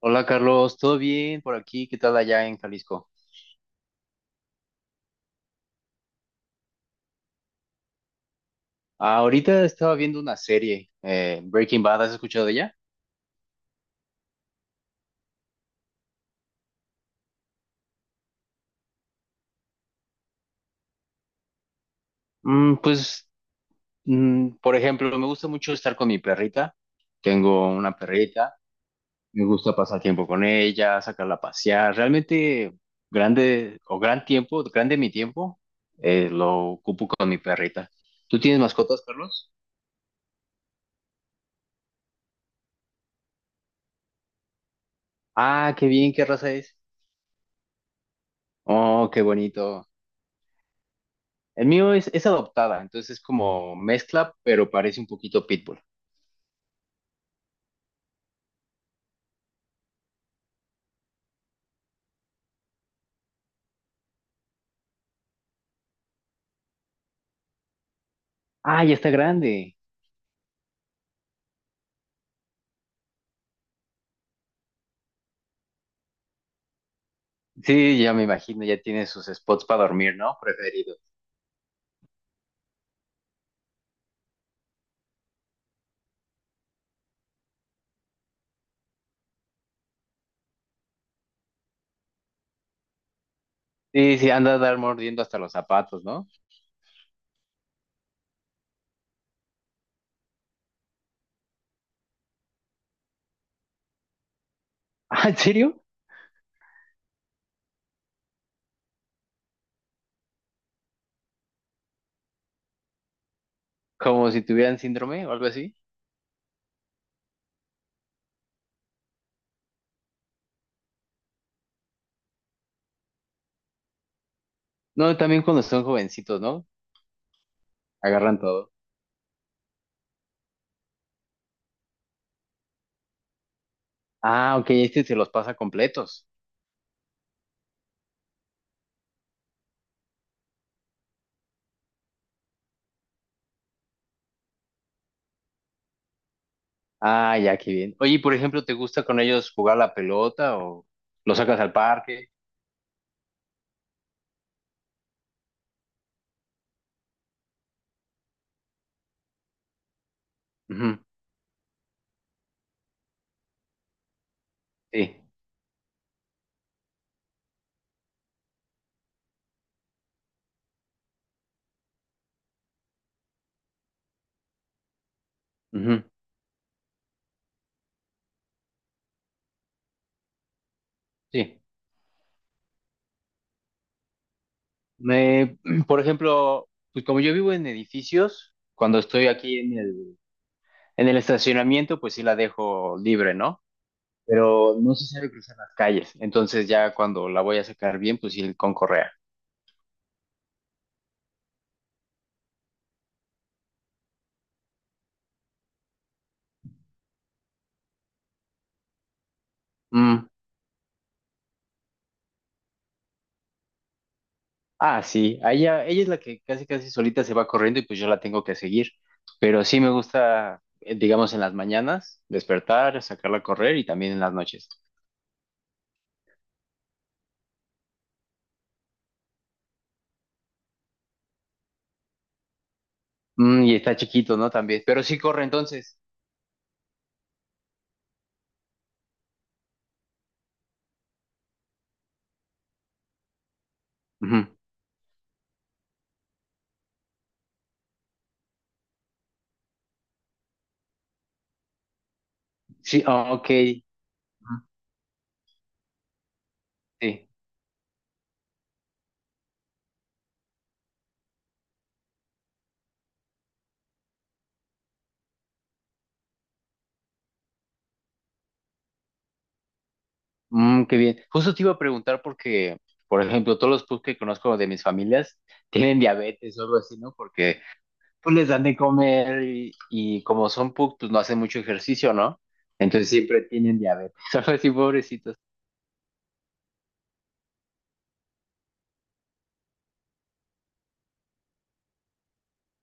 Hola Carlos, ¿todo bien por aquí? ¿Qué tal allá en Jalisco? Ah, ahorita estaba viendo una serie, Breaking Bad, ¿has escuchado de ella? Mm, pues, por ejemplo, me gusta mucho estar con mi perrita. Tengo una perrita, me gusta pasar tiempo con ella, sacarla a pasear. Realmente, grande o gran tiempo, grande mi tiempo, lo ocupo con mi perrita. ¿Tú tienes mascotas, Carlos? Ah, qué bien, ¿qué raza es? Oh, qué bonito. El mío es adoptada, entonces es como mezcla, pero parece un poquito pitbull. Ah, ya está grande. Sí, ya me imagino, ya tiene sus spots para dormir, ¿no? Preferido. Sí, sí, anda a dar mordiendo hasta los zapatos, ¿no? Ah, ¿en serio? Como si tuvieran síndrome o algo así. No, también cuando son jovencitos, ¿no? Agarran todo. Ah, ok, este se los pasa completos. Ah, ya, qué bien. Oye, y por ejemplo, ¿te gusta con ellos jugar la pelota o lo sacas al parque? Ujú, sí, ujú, sí. Me, por ejemplo, pues como yo vivo en edificios, cuando estoy aquí en el estacionamiento, pues sí la dejo libre, ¿no? Pero no se sabe cruzar las calles. Entonces ya cuando la voy a sacar bien, pues sí con correa. Mm. Ah, sí. a Ella, es la que casi casi solita se va corriendo y pues yo la tengo que seguir. Pero sí me gusta, digamos, en las mañanas, despertar, sacarla a correr y también en las noches. Mm, y está chiquito, ¿no? También. Pero sí corre entonces. Ujú. Sí, ah, ok. Ujú, sí. Mm, qué bien. Justo te iba a preguntar porque, por ejemplo, todos los pubs que conozco de mis familias tienen diabetes o algo así, ¿no? Porque pues les dan de comer y, como son pubs, pues no hacen mucho ejercicio, ¿no? Entonces siempre tienen diabetes, algo así, pobrecitos.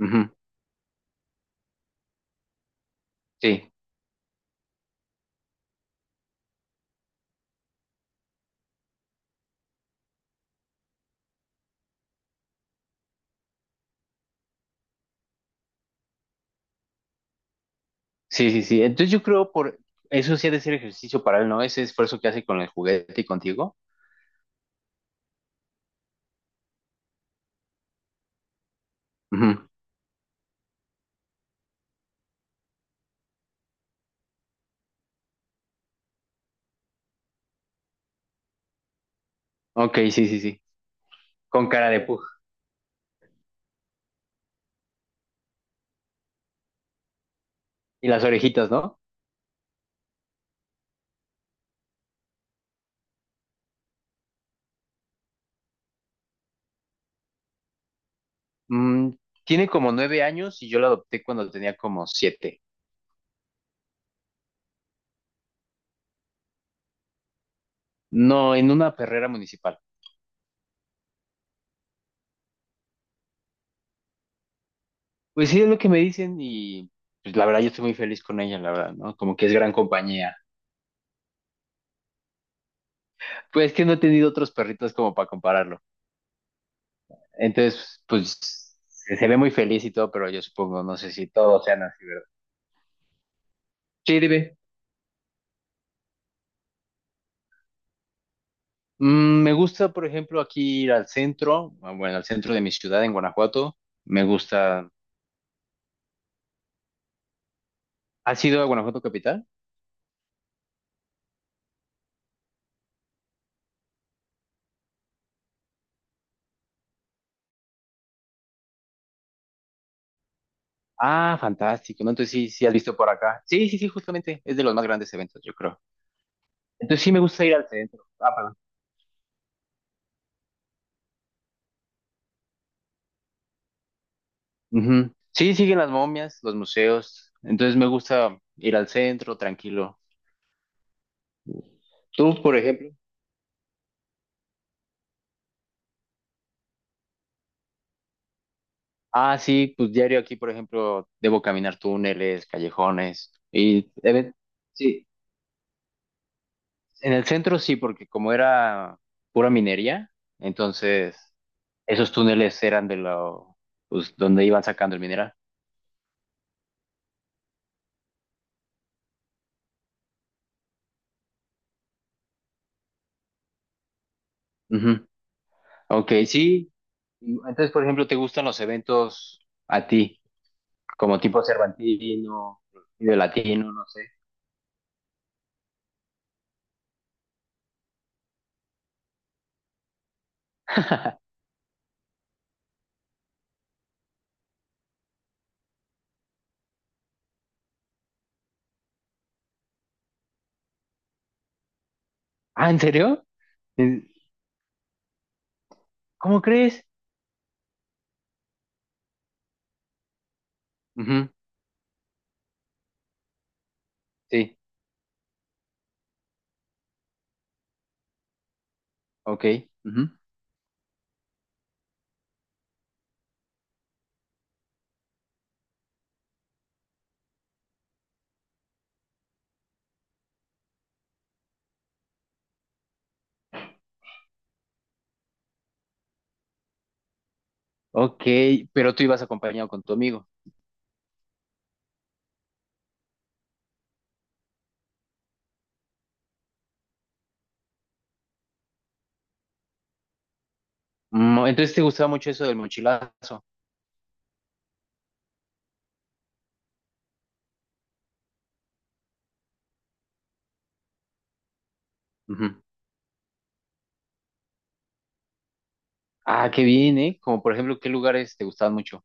Ujú. Sí, sí, sí, sí. Entonces yo creo por eso sí ha de ser ejercicio para él, ¿no? Ese esfuerzo que hace con el juguete y contigo. Ujú. Ok, sí, sí, sí. Con cara de pug. Y las orejitas, ¿no? Mm, tiene como 9 años y yo la adopté cuando tenía como 7. No, en una perrera municipal. Pues sí, es lo que me dicen y pues la verdad yo estoy muy feliz con ella, la verdad, ¿no? Como que es gran compañía. Pues que no he tenido otros perritos como para compararlo. Entonces, se ve muy feliz y todo, pero yo supongo, no sé si todos sean así, ¿verdad? Sí, dime. Mm, me gusta, por ejemplo, aquí ir al centro, ah, bueno, al centro de mi ciudad en Guanajuato. Me gusta. ¿Has ido a Guanajuato Capital? Ah, fantástico, ¿no? Entonces sí, sí has visto por acá. Sí, sí, sí, justamente es de los más grandes eventos, yo creo. Entonces sí me gusta ir al centro. Ujú. Sí, siguen las momias, los museos. Entonces me gusta ir al centro, tranquilo. ¿Tú, por ejemplo? Ah, sí, pues diario aquí, por ejemplo, debo caminar túneles, callejones. Sí, en el centro sí, porque como era pura minería, entonces esos túneles eran donde iban sacando el mineral. Ujú. Ok, sí. Y entonces, por ejemplo, ¿te gustan los eventos a ti? Como tipo Cervantino, Vive Latino, no sé. Ah, ¿en serio? ¿En- ¿Cómo crees? Ujú, sí, ok. Ujú, ok, pero tú ibas acompañado con tu amigo. Mm, entonces te gustaba mucho eso del mochilazo. Ujú. Ah, qué bien, ¿eh? Como por ejemplo, ¿qué lugares te gustaban mucho?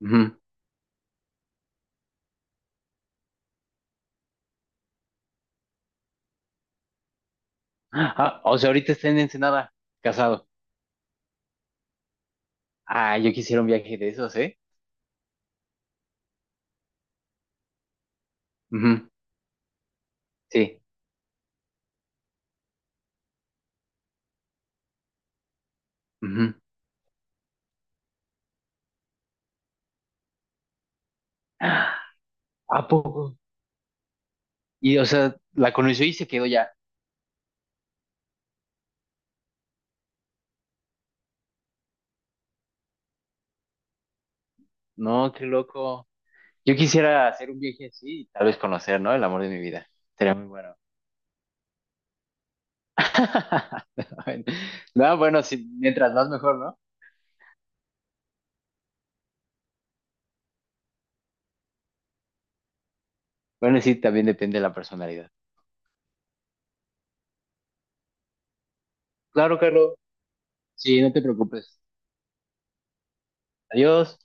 Ujú. Ah, o sea, ahorita está en Ensenada, casado. Ah, yo quisiera un viaje de esos, ¿eh? Ujú, sí. Ujú. ¿A poco? Y, o sea, la conoció y se quedó ya. No, qué loco. Yo quisiera hacer un viaje así y tal vez conocer, ¿no? El amor de mi vida. Sería muy bueno. No, bueno, sí, mientras más mejor, ¿no? Bueno, sí, también depende de la personalidad. Claro, Carlos. Sí, no te preocupes. Adiós.